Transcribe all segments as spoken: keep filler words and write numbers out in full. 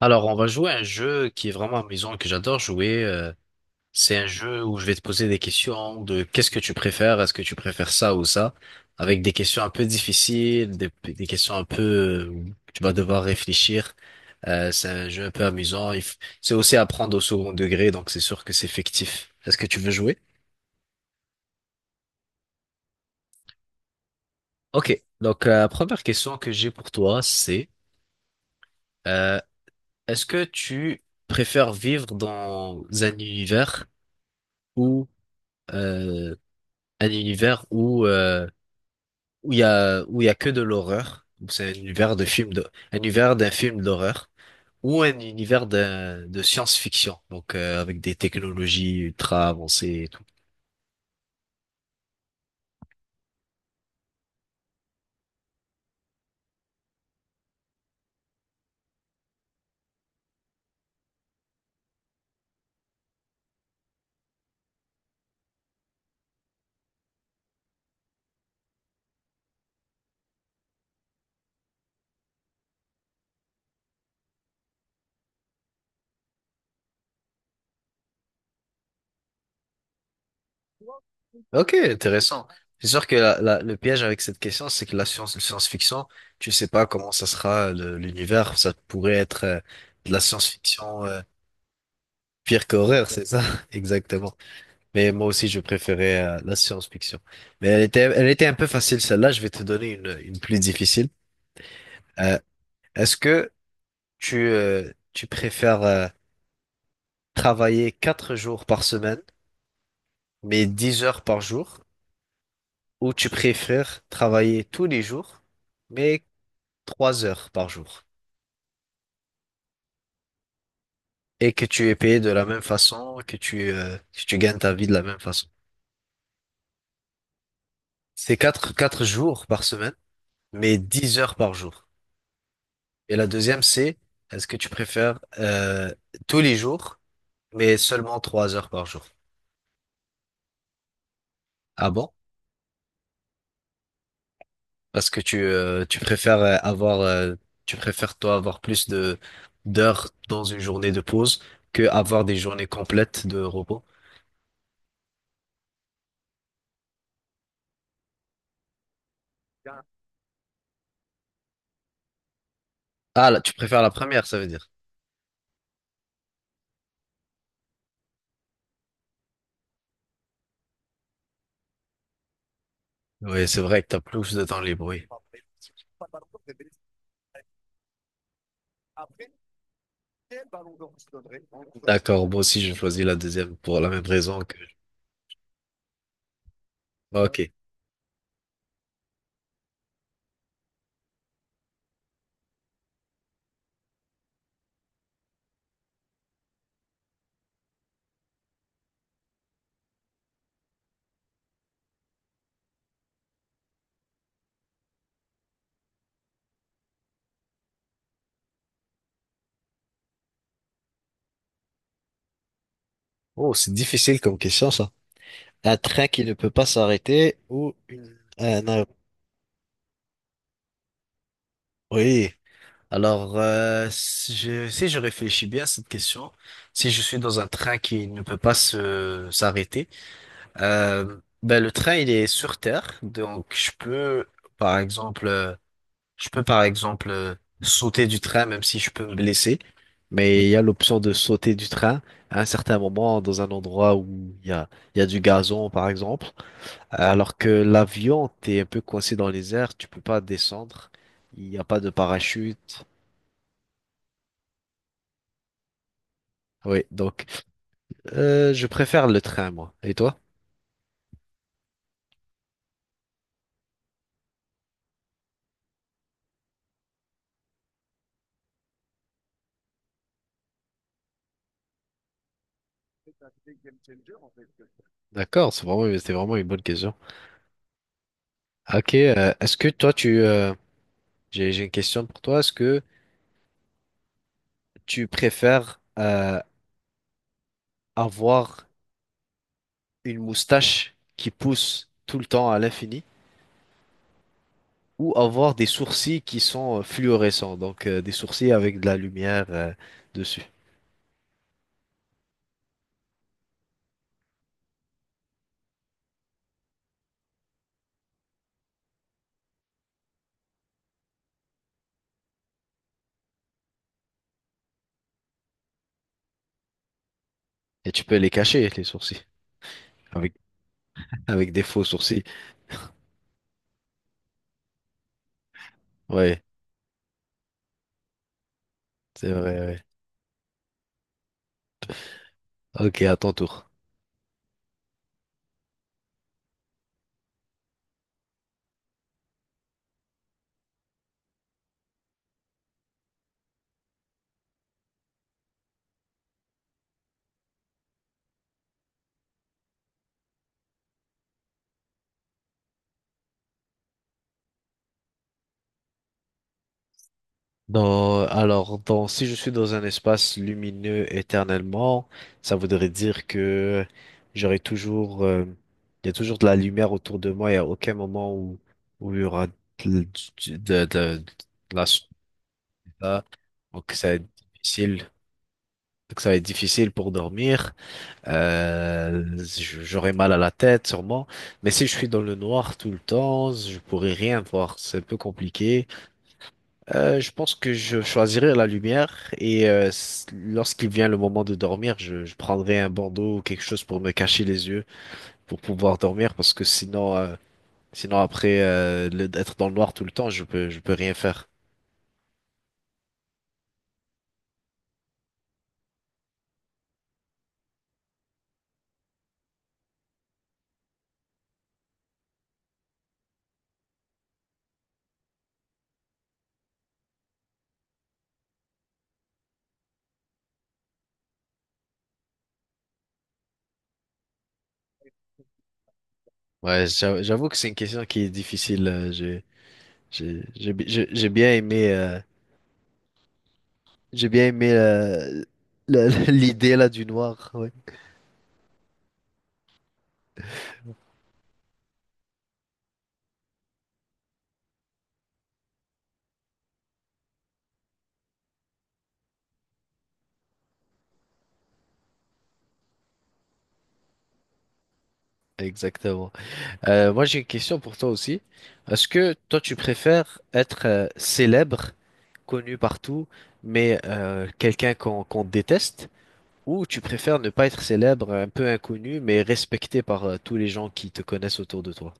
Alors, on va jouer à un jeu qui est vraiment amusant, que j'adore jouer. Euh, c'est un jeu où je vais te poser des questions de qu'est-ce que tu préfères, est-ce que tu préfères ça ou ça, avec des questions un peu difficiles, des, des questions un peu euh, où tu vas devoir réfléchir. Euh, c'est un jeu un peu amusant. Il f- C'est aussi à prendre au second degré, donc c'est sûr que c'est fictif. Est-ce que tu veux jouer? Ok, donc euh, la première question que j'ai pour toi, c'est euh, est-ce que tu préfères vivre dans un univers où euh, un univers où euh, où il y a où il y a que de l'horreur. Donc c'est un univers de film de un univers d'un film d'horreur ou un univers d'un- de science-fiction. Donc euh, avec des technologies ultra avancées et tout. Ok, intéressant. C'est sûr que la- la- le piège avec cette question, c'est que la science, le science-fiction, tu sais pas comment ça sera le- l'univers. Ça pourrait être euh, de la science-fiction euh, pire qu'horreur, c'est ça? Exactement. Mais moi aussi, je préférais euh, la science-fiction. Mais elle était, elle était un peu facile, celle-là. Je vais te donner une, une plus difficile. Euh, Est-ce que tu, euh, tu préfères euh, travailler quatre jours par semaine, mais dix heures par jour, ou tu préfères travailler tous les jours, mais trois heures par jour, et que tu es payé de la même façon, que tu, euh, que tu gagnes ta vie de la même façon? C'est quatre, quatre jours par semaine, mais dix heures par jour. Et la deuxième, c'est est-ce que tu préfères euh, tous les jours, mais seulement trois heures par jour? Ah bon? Parce que tu, euh, tu préfères euh, avoir euh, tu préfères toi avoir plus de d'heures dans une journée de pause que avoir des journées complètes de repos. Ah là, tu préfères la première, ça veut dire. Oui, c'est vrai que t'as plus de temps libre, oui. D'accord, moi aussi je choisis la deuxième pour la même raison que. Ok. Oh, c'est difficile comme question, ça. Un train qui ne peut pas s'arrêter ou une... un aé-. Oui. Alors, euh, si je, si je réfléchis bien à cette question, si je suis dans un train qui ne peut pas se s'arrêter, euh, ben le train il est sur terre, donc je peux, par exemple, euh, je peux par exemple euh, sauter du train même si je peux me blesser, mais il y a l'option de sauter du train à un certain moment dans un endroit où il y a il y a du gazon par exemple. Alors que l'avion, t'es un peu coincé dans les airs, tu peux pas descendre, il n'y a pas de parachute. Oui, donc euh, je préfère le train, moi. Et toi? D'accord, c'est vraiment, c'est vraiment une bonne question. Ok, euh, est-ce que toi, tu, euh, j'ai, j'ai une question pour toi. Est-ce que tu préfères euh, avoir une moustache qui pousse tout le temps à l'infini? Ou avoir des sourcils qui sont euh, fluorescents, donc euh, des sourcils avec de la lumière euh, dessus. Et tu peux les cacher, les sourcils, avec, avec des faux sourcils. Ouais, c'est vrai, ouais. Ok, à ton tour. Dans- alors, dans, si je suis dans un espace lumineux éternellement, ça voudrait dire que j'aurai toujours, euh, il y a toujours de la lumière autour de moi, il n'y a aucun moment où, où il y aura de, de- de- de la... s- là. Donc, ça va être difficile. Donc ça va être difficile pour dormir. Euh, j- j'aurai mal à la tête sûrement. Mais si je suis dans le noir tout le temps, je pourrai rien voir. C'est un peu compliqué. Euh, je pense que je choisirai la lumière et euh, s- lorsqu'il vient le moment de dormir, je, je prendrai un bandeau ou quelque chose pour me cacher les yeux pour pouvoir dormir parce que sinon, euh, sinon après euh, le- d'être dans le noir tout le temps, je peux, je peux rien faire. Ouais, j'a- j'avoue que c'est une question qui est difficile. Euh, J'ai, j'ai, j'ai bi- j'ai- j'ai bien aimé. euh, J'ai bien aimé euh, la- l'idée là du noir, ouais. Exactement. Euh, moi, j'ai une question pour toi aussi. Est-ce que toi, tu préfères être euh, célèbre, connu partout, mais euh, quelqu'un qu'on qu'on déteste, ou tu préfères ne pas être célèbre, un peu inconnu, mais respecté par euh, tous les gens qui te connaissent autour de toi?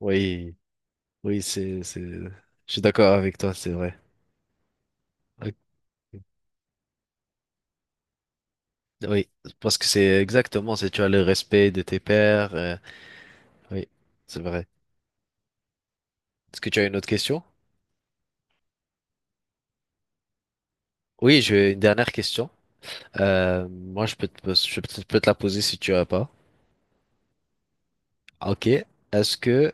Oui, oui, c'est, c'est, je suis d'accord avec toi, c'est vrai. Ok. Oui, parce que c'est exactement, c'est tu as le respect de tes pairs. Euh, oui, c'est vrai. Est-ce que tu as une autre question? Oui, j'ai une dernière question. Euh, moi, je peux te, pos- je peux te je peux te la poser si tu as pas. Ok. Est-ce que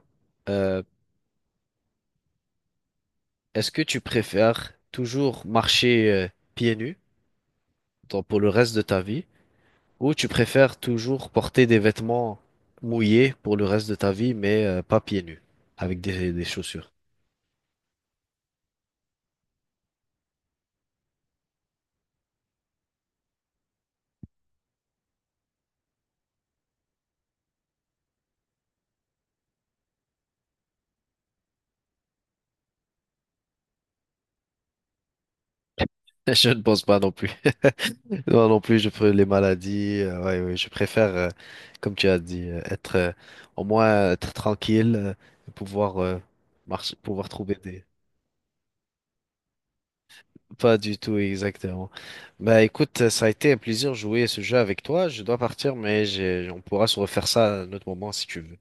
euh, est-ce que tu préfères toujours marcher euh, pieds nus donc pour le reste de ta vie ou tu préfères toujours porter des vêtements mouillés pour le reste de ta vie mais euh, pas pieds nus avec des, des chaussures? Je ne pense pas non plus. Moi non plus, je préfère les maladies. Euh, ouais, ouais, je préfère, euh, comme tu as dit, euh, être euh, au moins euh, être tranquille, euh, et pouvoir euh, marcher, pouvoir trouver des. Pas du tout, exactement. Bah écoute, euh, ça a été un plaisir de jouer à ce jeu avec toi. Je dois partir, mais j'ai- on pourra se refaire ça à un autre moment si tu veux.